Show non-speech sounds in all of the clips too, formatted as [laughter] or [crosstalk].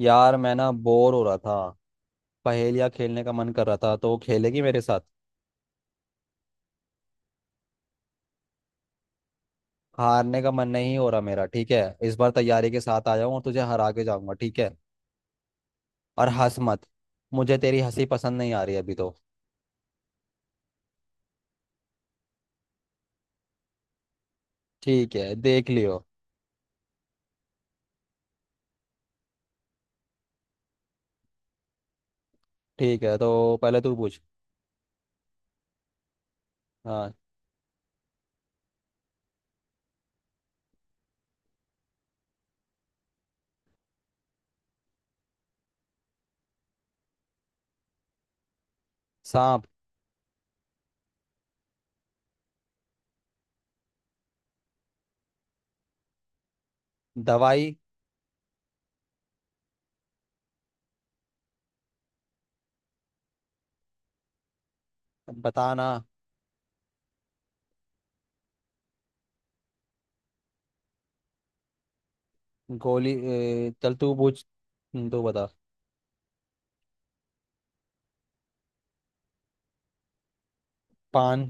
यार मैं ना बोर हो रहा था। पहेलियाँ खेलने का मन कर रहा था, तो खेलेगी मेरे साथ? हारने का मन नहीं हो रहा मेरा, ठीक है। इस बार तैयारी के साथ आया हूँ और तुझे हरा के जाऊंगा, ठीक है। और हंस मत। मुझे तेरी हंसी पसंद नहीं आ रही अभी तो। ठीक है, देख लियो। ठीक है, तो पहले तू पूछ। हाँ। सांप। दवाई। बताना। गोली ए, चल तू पूछ। तू बता। पान।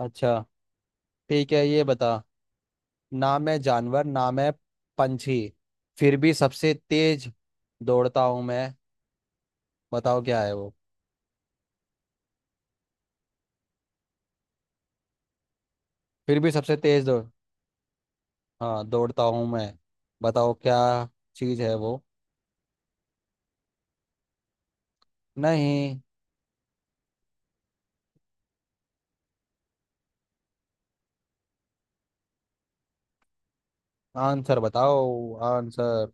अच्छा। ठीक है ये बता। ना मैं जानवर, ना मैं पंछी, फिर भी सबसे तेज दौड़ता हूँ मैं। बताओ क्या है वो। फिर भी सबसे तेज दौड़। हाँ, दौड़ता हूँ मैं। बताओ क्या चीज है वो। नहीं। आंसर बताओ, आंसर।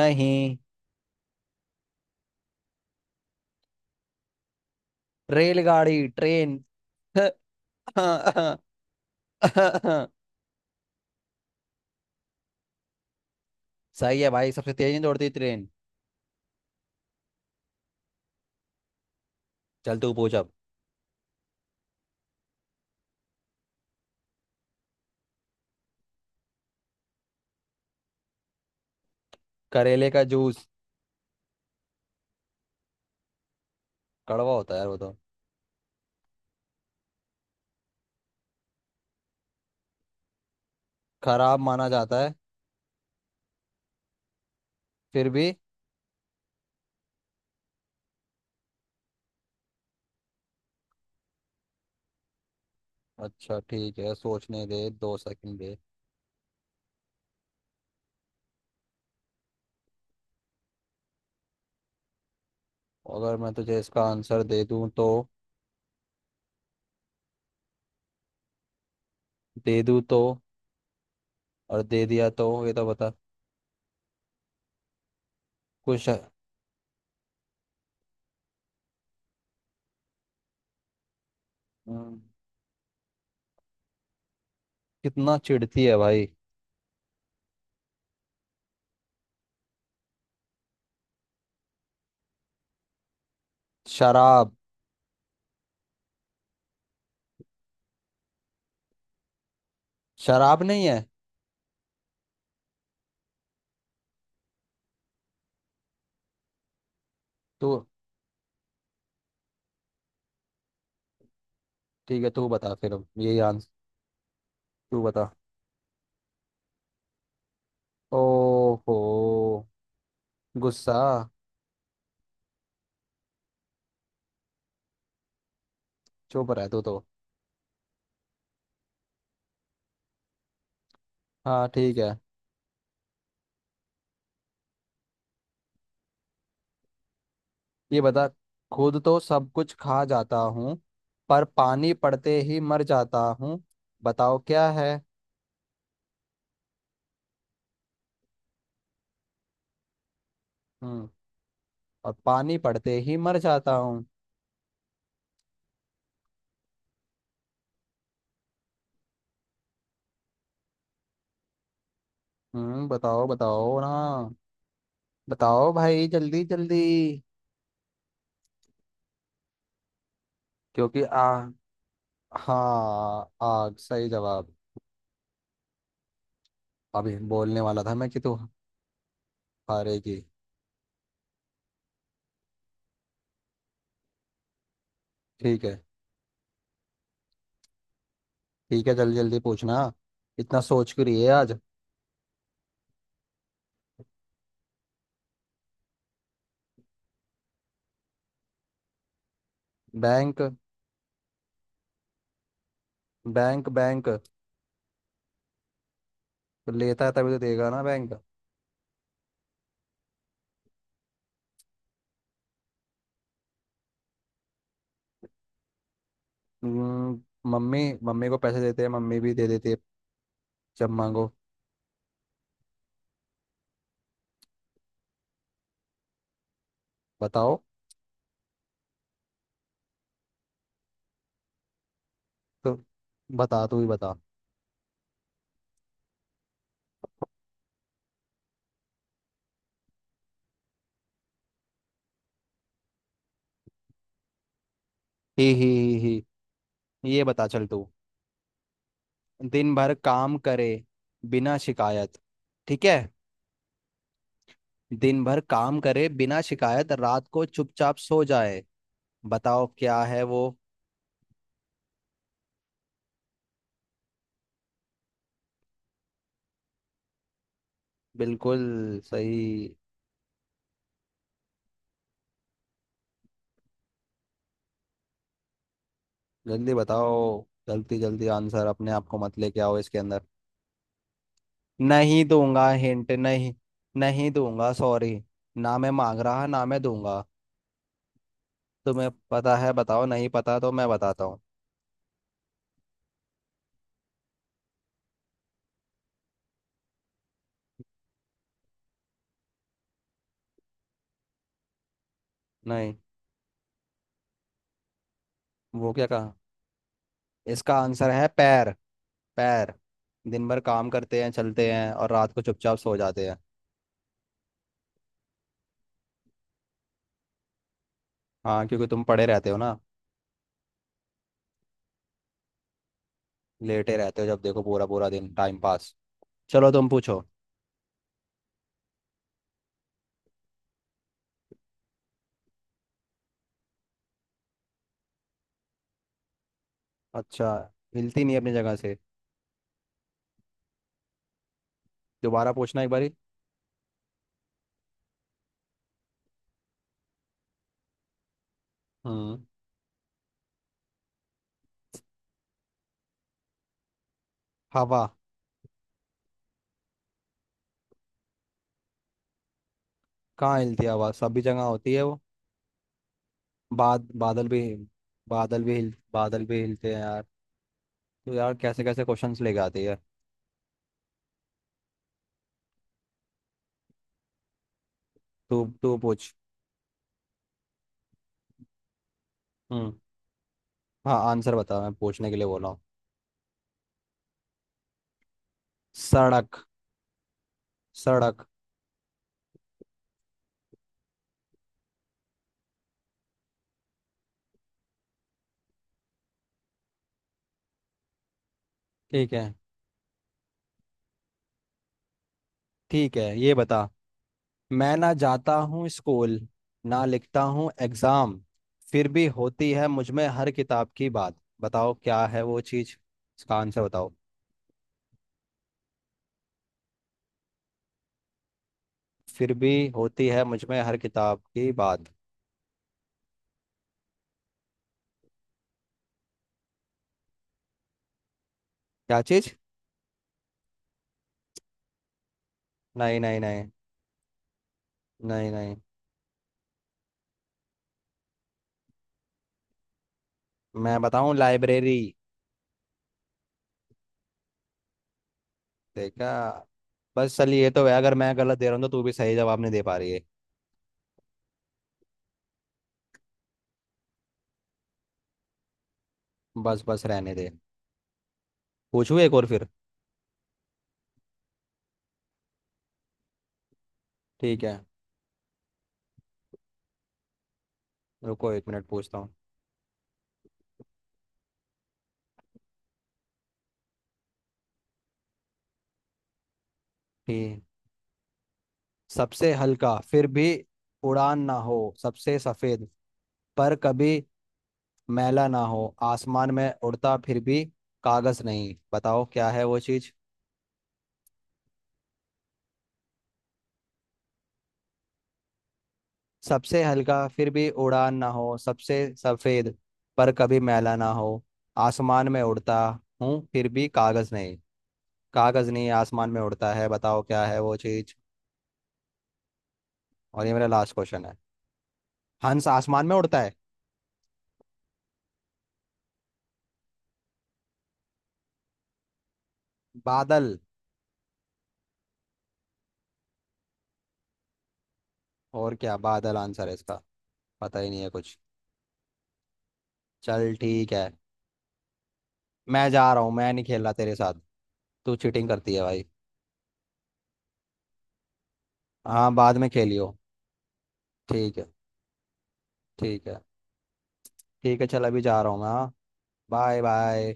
नहीं। रेलगाड़ी, ट्रेन। [laughs] सही है भाई, सबसे तेज नहीं दौड़ती ट्रेन। चल तू पूछ अब। करेले का जूस। कड़वा होता है यार वो तो। खराब माना जाता है, फिर भी। अच्छा ठीक है, सोचने दे, दो सेकंड दे। अगर मैं तुझे इसका आंसर दे दूं तो? दे दूं तो? और दे दिया तो ये तो बता। कुछ। हम्म, कितना चिढ़ती है भाई। शराब। शराब नहीं है। तू ठीक है, तू बता फिर, अब यही आंसर। तू बता। ओहो। गुस्सा। चुप रह तू तो। हाँ ठीक है, ये बता। खुद तो सब कुछ खा जाता हूँ, पर पानी पड़ते ही मर जाता हूँ। बताओ क्या है। हम्म। और पानी पड़ते ही मर जाता हूँ। हम्म, बताओ, बताओ ना। बताओ भाई, जल्दी जल्दी। क्योंकि आ। हाँ, आग, सही जवाब। अभी बोलने वाला था मैं कि तू हारेगी। ठीक है। ठीक है, जल्दी जल्दी पूछना। इतना सोच क्यों रही है आज। बैंक। बैंक। तो लेता है तभी तो देगा ना बैंक। हम्म, मम्मी मम्मी को पैसे देते हैं, मम्मी भी दे देती है जब मांगो। बताओ। तो बता, तू ही बता। ही ही। ही ही। ये बता, चल तू। दिन भर काम करे बिना शिकायत। ठीक है। दिन भर काम करे बिना शिकायत, रात को चुपचाप सो जाए। बताओ क्या है वो। बिल्कुल सही। जल्दी बताओ। जल्दी जल्दी आंसर, अपने आप को मत लेके आओ इसके अंदर। नहीं दूंगा हिंट, नहीं। नहीं दूंगा, सॉरी। ना मैं मांग रहा, ना मैं दूंगा। तुम्हें पता है बताओ, नहीं पता तो मैं बताता हूँ। नहीं, वो क्या कहा। इसका आंसर है पैर। पैर। दिन भर काम करते हैं, चलते हैं, और रात को चुपचाप सो जाते हैं। हाँ, क्योंकि तुम पड़े रहते हो ना, लेटे रहते हो जब देखो, पूरा पूरा दिन टाइम पास। चलो तुम पूछो। अच्छा, हिलती नहीं अपनी जगह से। दोबारा पूछना एक बारी। हम्म। हवा। कहाँ हिलती है हवा, सभी जगह होती है वो। बादल भी। बादल भी हिल बादल भी हिलते हैं यार। तो यार, कैसे कैसे क्वेश्चंस लेके आती है। तू तू पूछ। हम्म। हाँ आंसर बता, मैं पूछने के लिए बोल रहा हूँ। सड़क। सड़क। ठीक है। ठीक है, ये बता। मैं ना जाता हूँ स्कूल, ना लिखता हूँ एग्जाम, फिर भी होती है मुझ में हर किताब की बात। बताओ क्या है वो चीज। इसका आंसर बताओ। फिर भी होती है मुझ में हर किताब की बात। क्या चीज? नहीं, नहीं, नहीं। नहीं, नहीं। मैं बताऊँ, लाइब्रेरी। देखा। बस चल, ये तो है, अगर मैं गलत दे रहा हूँ तो तू भी सही जवाब नहीं दे पा रही है। बस बस रहने दे। पूछू एक और फिर। ठीक है। रुको एक मिनट, पूछता हूँ। ठीक। सबसे हल्का फिर भी उड़ान ना हो, सबसे सफेद पर कभी मैला ना हो, आसमान में उड़ता फिर भी कागज नहीं। बताओ क्या है वो चीज। सबसे हल्का फिर भी उड़ान ना हो, सबसे सफेद पर कभी मैला ना हो, आसमान में उड़ता हूँ फिर भी कागज नहीं। कागज नहीं, आसमान में उड़ता है, बताओ क्या है वो चीज। और ये मेरा लास्ट क्वेश्चन है। हंस आसमान में उड़ता है। बादल। और क्या, बादल आंसर है इसका। पता ही नहीं है कुछ। चल ठीक है। मैं जा रहा हूँ, मैं नहीं खेल रहा तेरे साथ। तू चीटिंग करती है भाई। हाँ बाद में खेलियो। ठीक है, ठीक है। ठीक है, चल अभी जा रहा हूँ मैं, हाँ। Bye bye.